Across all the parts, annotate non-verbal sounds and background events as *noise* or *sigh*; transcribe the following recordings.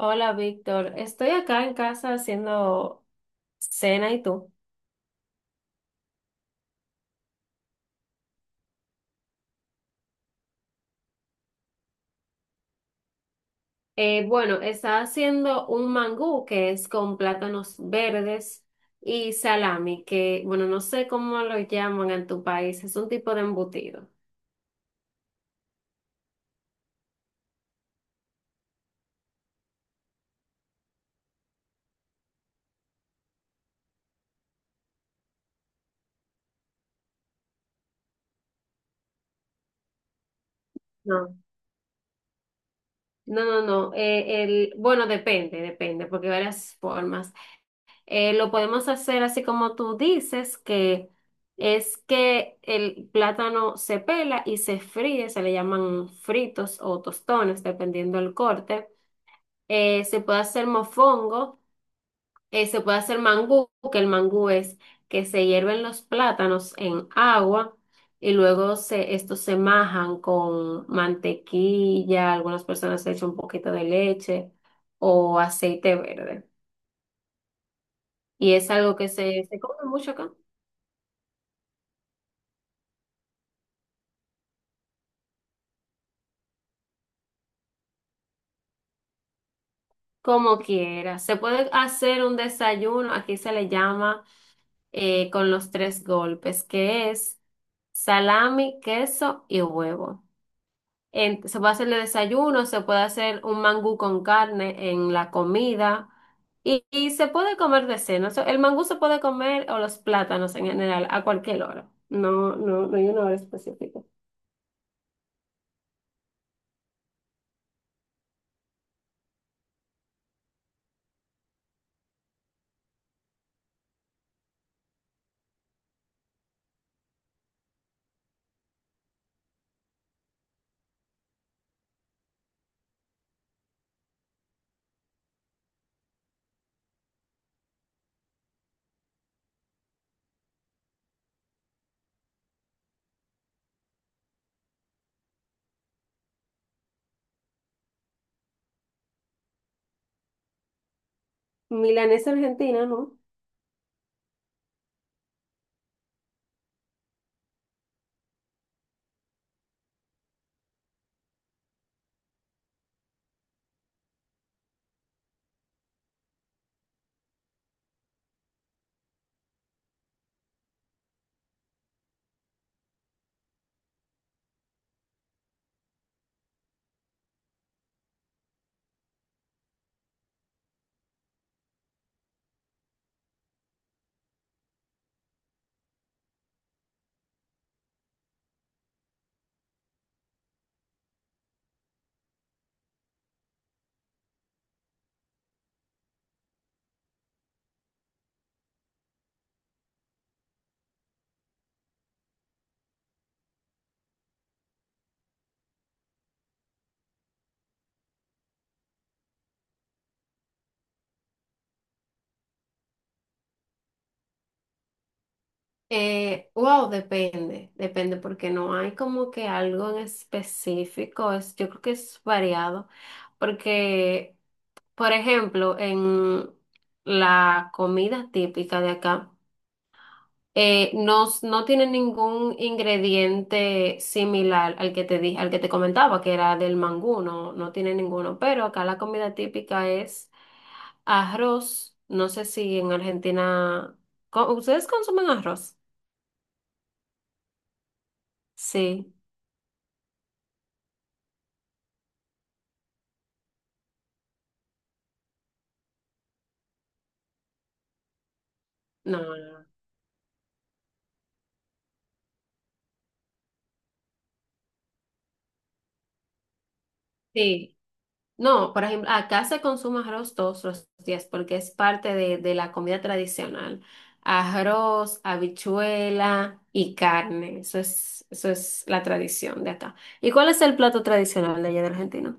Hola, Víctor. Estoy acá en casa haciendo cena y tú. Bueno, está haciendo un mangú que es con plátanos verdes y salami, que bueno, no sé cómo lo llaman en tu país, es un tipo de embutido. No. No, no, no. Bueno, depende, porque hay varias formas. Lo podemos hacer así como tú dices, que es que el plátano se pela y se fríe, se le llaman fritos o tostones, dependiendo del corte. Se puede hacer mofongo, se puede hacer mangú, que el mangú es que se hierven los plátanos en agua y estos se majan con mantequilla, algunas personas le echan un poquito de leche o aceite verde. Y es algo que se come mucho acá. Como quieras. Se puede hacer un desayuno, aquí se le llama con los tres golpes, que es salami, queso y huevo. Se puede hacer de desayuno, se puede hacer un mangú con carne en la comida y, se puede comer de cena. O sea, el mangú se puede comer o los plátanos en general a cualquier hora. No, no, no hay una hora específica. Milanesa argentina, ¿no? Wow, depende porque no hay como que algo en específico, es, yo creo que es variado, porque, por ejemplo, en la comida típica de acá, no, no tiene ningún ingrediente similar al que te dije, al que te comentaba, que era del mangú, no, no tiene ninguno, pero acá la comida típica es arroz, no sé si en Argentina, ¿ustedes consumen arroz? Sí, no. Sí, no, por ejemplo, acá se consume arroz todos los días porque es parte de la comida tradicional. Arroz, habichuela y carne, eso es la tradición de acá. ¿Y cuál es el plato tradicional de allá de Argentina?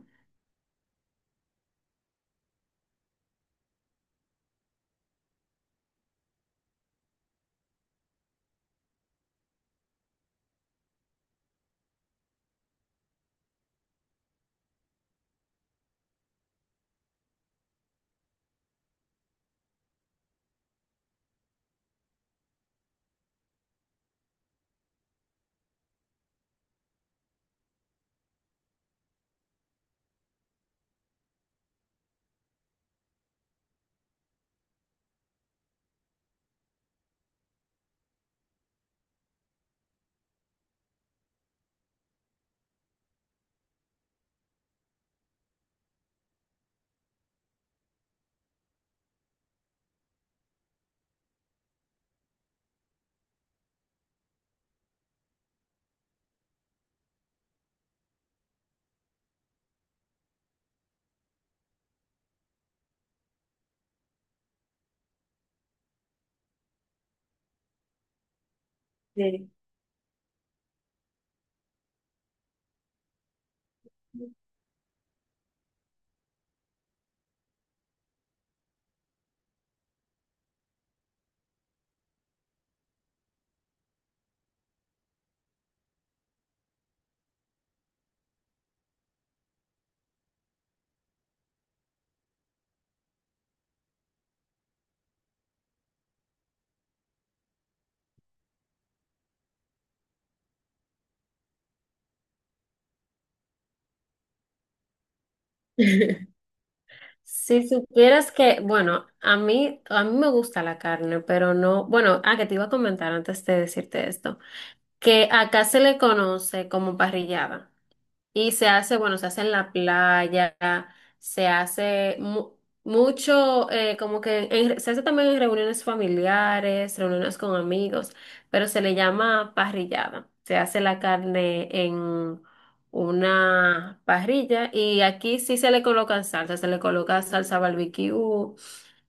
Sí. *laughs* Si supieras que, bueno, a mí me gusta la carne, pero no, bueno, ah, que te iba a comentar antes de decirte esto, que acá se le conoce como parrillada. Y se hace, bueno, se hace en la playa, se hace mucho, como que se hace también en reuniones familiares, reuniones con amigos, pero se le llama parrillada. Se hace la carne en una parrilla y aquí sí se le colocan salsa, se le coloca salsa barbecue,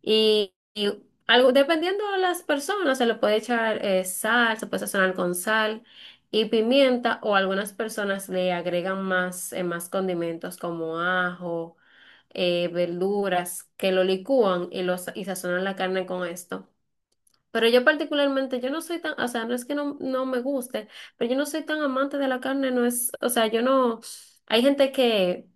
y, algo, dependiendo de las personas, se le puede echar sal, se puede sazonar con sal y pimienta, o algunas personas le agregan más, más condimentos como ajo, verduras, que lo licúan y, y sazonan la carne con esto. Pero yo particularmente, yo no soy tan, o sea, no es que no, no me guste, pero yo no soy tan amante de la carne, no es, o sea, yo no, hay gente que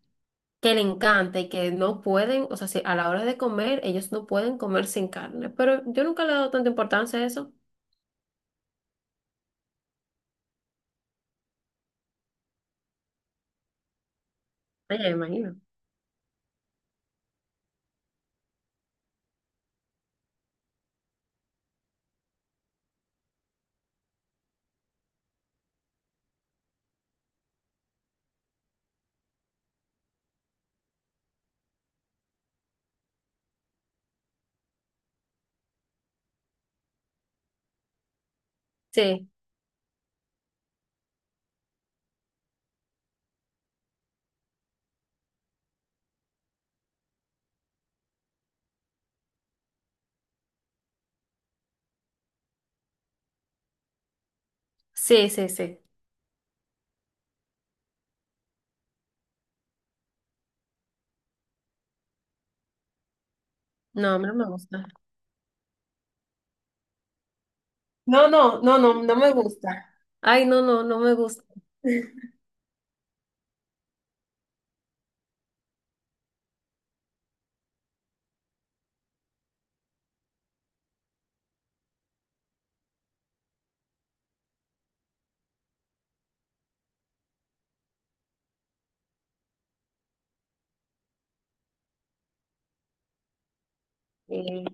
le encanta y que no pueden, o sea, si a la hora de comer, ellos no pueden comer sin carne. Pero yo nunca le he dado tanta importancia a eso. Ay, me imagino. Sí, sí, sí, sí. No, a mí no me gusta. No, no, no, no, no me gusta. Ay, no, no, no me gusta. *laughs* Eh,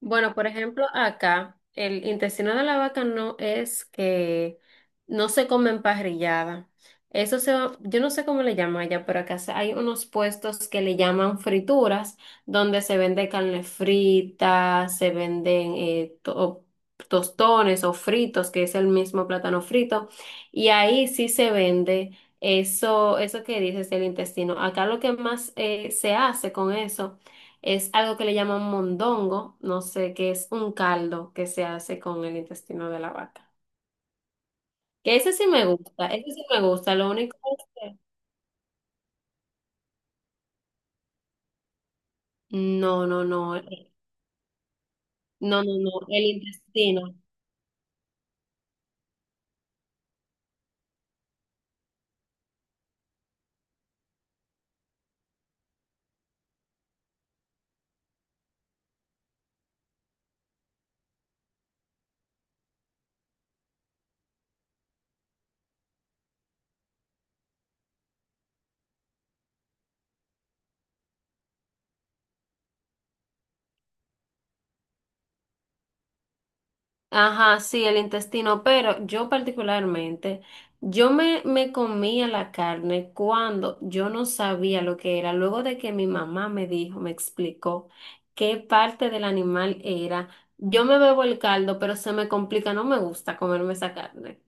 Bueno, por ejemplo, acá el intestino de la vaca no es que no se come emparrillada. Yo no sé cómo le llaman allá, pero hay unos puestos que le llaman frituras, donde se vende carne frita, se venden tostones o fritos, que es el mismo plátano frito, y ahí sí se vende eso, eso que dices del intestino. Acá lo que más se hace con eso. Es algo que le llaman mondongo, no sé, que es un caldo que se hace con el intestino de la vaca. Que ese sí me gusta, ese sí me gusta, lo único es que... No, no, no, no, no, no, el intestino. Ajá, sí, el intestino, pero yo particularmente, yo me comía la carne cuando yo no sabía lo que era, luego de que mi mamá me dijo, me explicó qué parte del animal era, yo me bebo el caldo, pero se me complica, no me gusta comerme esa carne.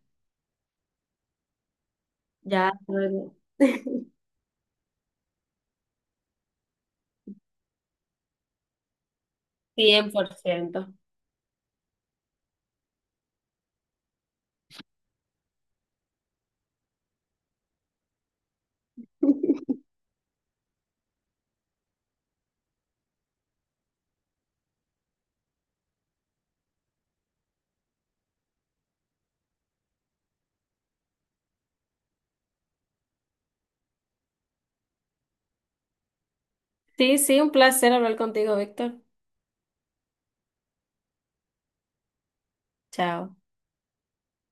Ya, luego. *laughs* 100%. Sí, sí, un placer hablar contigo, Víctor. Chao.